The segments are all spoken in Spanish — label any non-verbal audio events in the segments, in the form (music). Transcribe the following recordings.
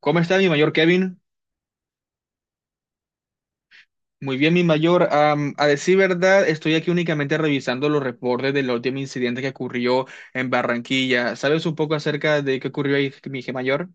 ¿Cómo está mi mayor Kevin? Muy bien, mi mayor. A decir verdad, estoy aquí únicamente revisando los reportes del último incidente que ocurrió en Barranquilla. ¿Sabes un poco acerca de qué ocurrió ahí, mi mayor?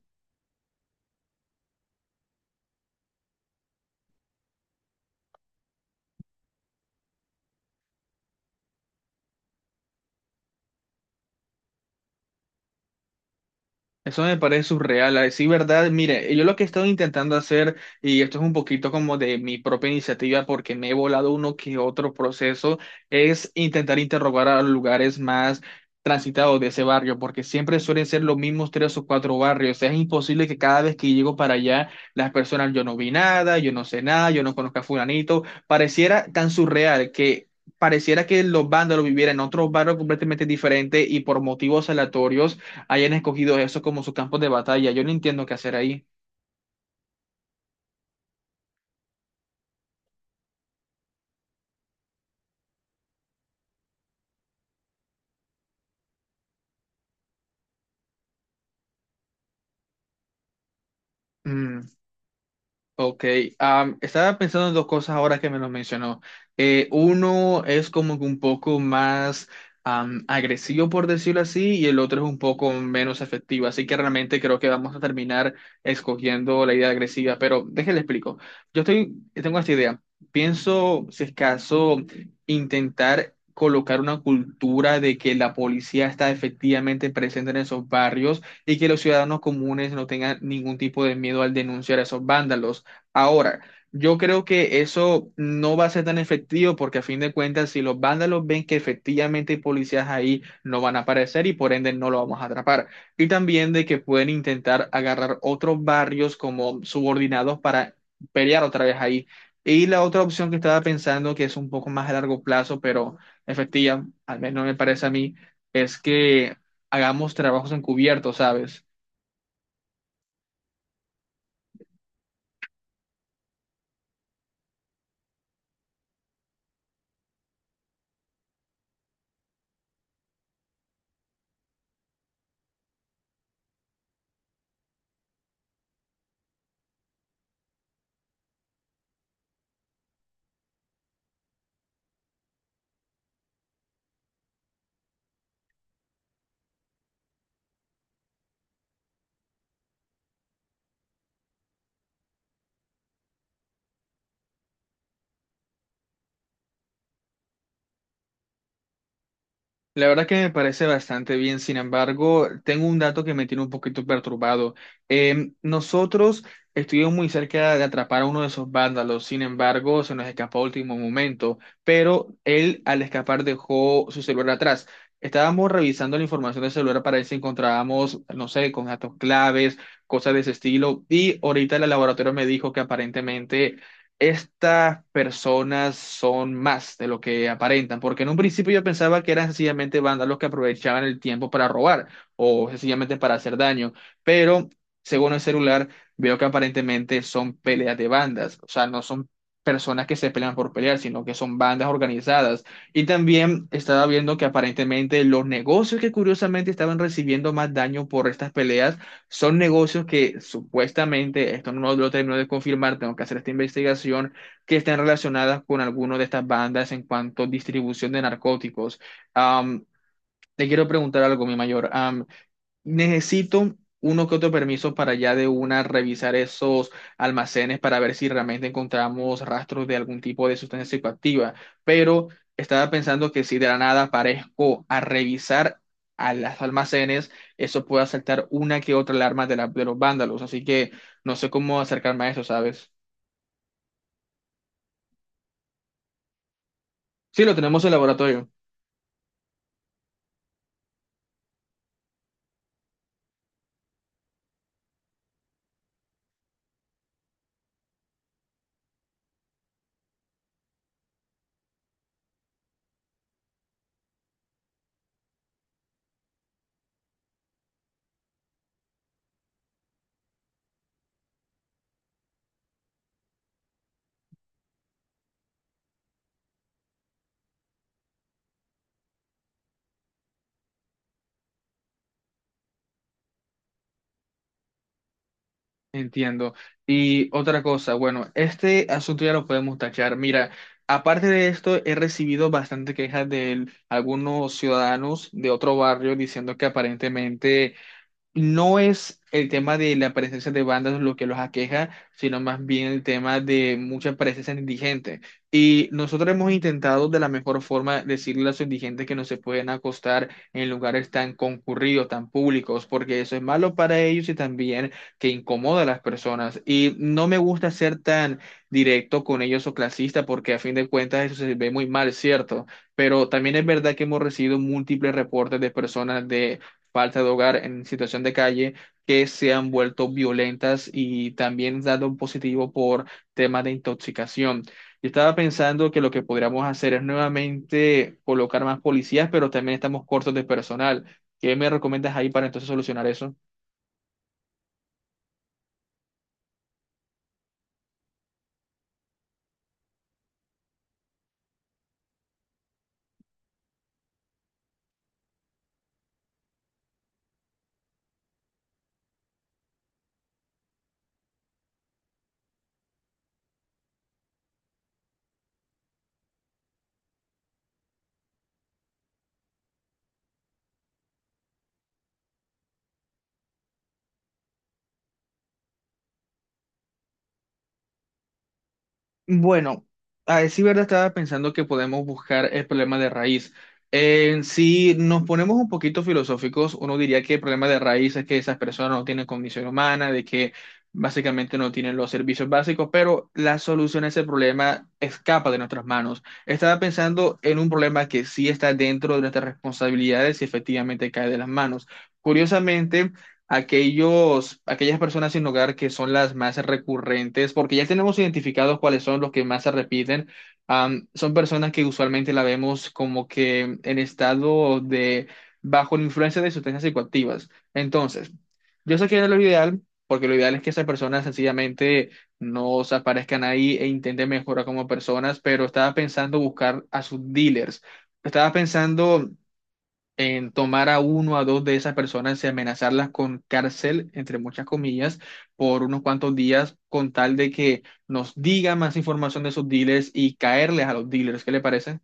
Eso me parece surreal, a decir verdad. Mire, yo lo que he estado intentando hacer, y esto es un poquito como de mi propia iniciativa porque me he volado uno que otro proceso, es intentar interrogar a los lugares más transitados de ese barrio, porque siempre suelen ser los mismos tres o cuatro barrios. Es imposible que cada vez que llego para allá, las personas, yo no vi nada, yo no sé nada, yo no conozco a fulanito. Pareciera tan surreal que... Pareciera que los vándalos vivieran en otros barrios completamente diferentes y por motivos aleatorios hayan escogido eso como sus campos de batalla. Yo no entiendo qué hacer ahí. Mm. Ok. Estaba pensando en dos cosas ahora que me lo mencionó. Uno es como que un poco más agresivo, por decirlo así, y el otro es un poco menos efectivo. Así que realmente creo que vamos a terminar escogiendo la idea agresiva, pero déjale explico. Tengo esta idea. Pienso, si es caso, intentar colocar una cultura de que la policía está efectivamente presente en esos barrios y que los ciudadanos comunes no tengan ningún tipo de miedo al denunciar a esos vándalos. Ahora, yo creo que eso no va a ser tan efectivo porque a fin de cuentas, si los vándalos ven que efectivamente hay policías ahí, no van a aparecer y por ende no lo vamos a atrapar. Y también de que pueden intentar agarrar otros barrios como subordinados para pelear otra vez ahí. Y la otra opción que estaba pensando, que es un poco más a largo plazo, pero efectiva, al menos me parece a mí, es que hagamos trabajos encubiertos, ¿sabes? La verdad que me parece bastante bien, sin embargo, tengo un dato que me tiene un poquito perturbado. Nosotros estuvimos muy cerca de atrapar a uno de esos vándalos, sin embargo, se nos escapó a último momento, pero él al escapar dejó su celular atrás. Estábamos revisando la información del celular para ver si encontrábamos, no sé, con datos claves, cosas de ese estilo, y ahorita el laboratorio me dijo que aparentemente estas personas son más de lo que aparentan, porque en un principio yo pensaba que eran sencillamente vándalos que aprovechaban el tiempo para robar o sencillamente para hacer daño, pero según el celular veo que aparentemente son peleas de bandas, o sea, no son personas que se pelean por pelear, sino que son bandas organizadas. Y también estaba viendo que aparentemente los negocios que curiosamente estaban recibiendo más daño por estas peleas son negocios que supuestamente, esto no lo termino de confirmar, tengo que hacer esta investigación, que están relacionadas con alguna de estas bandas en cuanto a distribución de narcóticos. Am, Te quiero preguntar algo, mi mayor. Necesito uno que otro permiso para ya de una revisar esos almacenes para ver si realmente encontramos rastros de algún tipo de sustancia psicoactiva, pero estaba pensando que si de la nada aparezco a revisar a los almacenes, eso puede saltar una que otra alarma de, de los vándalos, así que no sé cómo acercarme a eso, ¿sabes? Sí, lo tenemos en el laboratorio. Entiendo. Y otra cosa, bueno, este asunto ya lo podemos tachar. Mira, aparte de esto, he recibido bastante quejas de algunos ciudadanos de otro barrio diciendo que aparentemente no es el tema de la presencia de bandas lo que los aqueja, sino más bien el tema de mucha presencia indigente. Y nosotros hemos intentado de la mejor forma decirle a los indigentes que no se pueden acostar en lugares tan concurridos, tan públicos, porque eso es malo para ellos y también que incomoda a las personas. Y no me gusta ser tan directo con ellos o clasista, porque a fin de cuentas eso se ve muy mal, ¿cierto? Pero también es verdad que hemos recibido múltiples reportes de personas de falta de hogar, en situación de calle, que se han vuelto violentas y también dado un positivo por temas de intoxicación. Yo estaba pensando que lo que podríamos hacer es nuevamente colocar más policías, pero también estamos cortos de personal. ¿Qué me recomiendas ahí para entonces solucionar eso? Bueno, a decir verdad, estaba pensando que podemos buscar el problema de raíz. Si nos ponemos un poquito filosóficos, uno diría que el problema de raíz es que esas personas no tienen condición humana, de que básicamente no tienen los servicios básicos, pero la solución a ese problema escapa de nuestras manos. Estaba pensando en un problema que sí está dentro de nuestras responsabilidades y efectivamente cae de las manos. Curiosamente, aquellas personas sin hogar que son las más recurrentes, porque ya tenemos identificados cuáles son los que más se repiten. Son personas que usualmente la vemos como que en estado de bajo la influencia de sustancias psicoactivas. Entonces, yo sé que no es lo ideal, porque lo ideal es que esas personas sencillamente no se aparezcan ahí e intenten mejorar como personas, pero estaba pensando buscar a sus dealers. Estaba pensando en tomar a uno o a dos de esas personas y amenazarlas con cárcel, entre muchas comillas, por unos cuantos días, con tal de que nos diga más información de sus dealers y caerles a los dealers. ¿Qué le parece?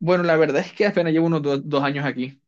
Bueno, la verdad (laughs) es que apenas llevo unos dos años aquí.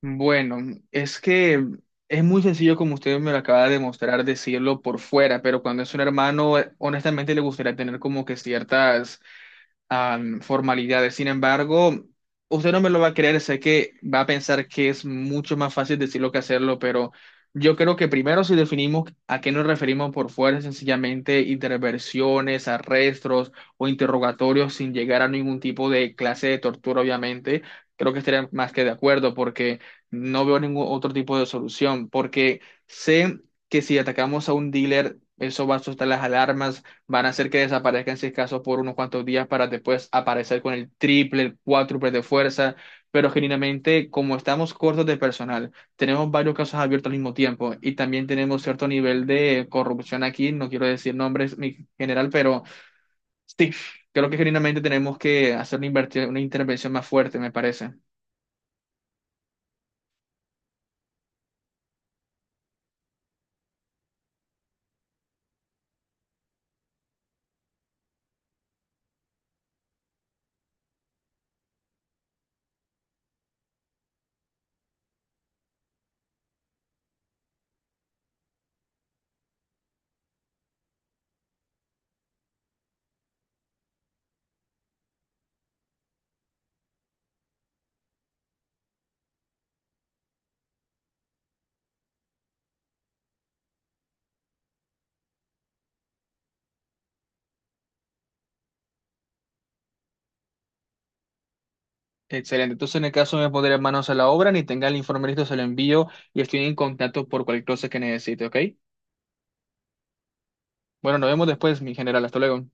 Bueno, es que es muy sencillo, como usted me lo acaba de demostrar, decirlo por fuera, pero cuando es un hermano, honestamente le gustaría tener como que ciertas formalidades. Sin embargo, usted no me lo va a creer, sé que va a pensar que es mucho más fácil decirlo que hacerlo, pero yo creo que primero si definimos a qué nos referimos por fuera, sencillamente interversiones, arrestos o interrogatorios sin llegar a ningún tipo de clase de tortura, obviamente, creo que estaría más que de acuerdo porque no veo ningún otro tipo de solución, porque sé que si atacamos a un dealer, eso va a soltar las alarmas, van a hacer que desaparezcan si es caso por unos cuantos días para después aparecer con el triple, el cuádruple de fuerza, pero genuinamente como estamos cortos de personal, tenemos varios casos abiertos al mismo tiempo y también tenemos cierto nivel de corrupción aquí, no quiero decir nombres, mi general, pero sí, creo que genuinamente tenemos que hacer una intervención más fuerte, me parece. Excelente. Entonces, en el caso me pondré manos a la obra, ni tenga el informe listo, se lo envío y estoy en contacto por cualquier cosa que necesite, ¿ok? Bueno, nos vemos después, mi general. Hasta luego.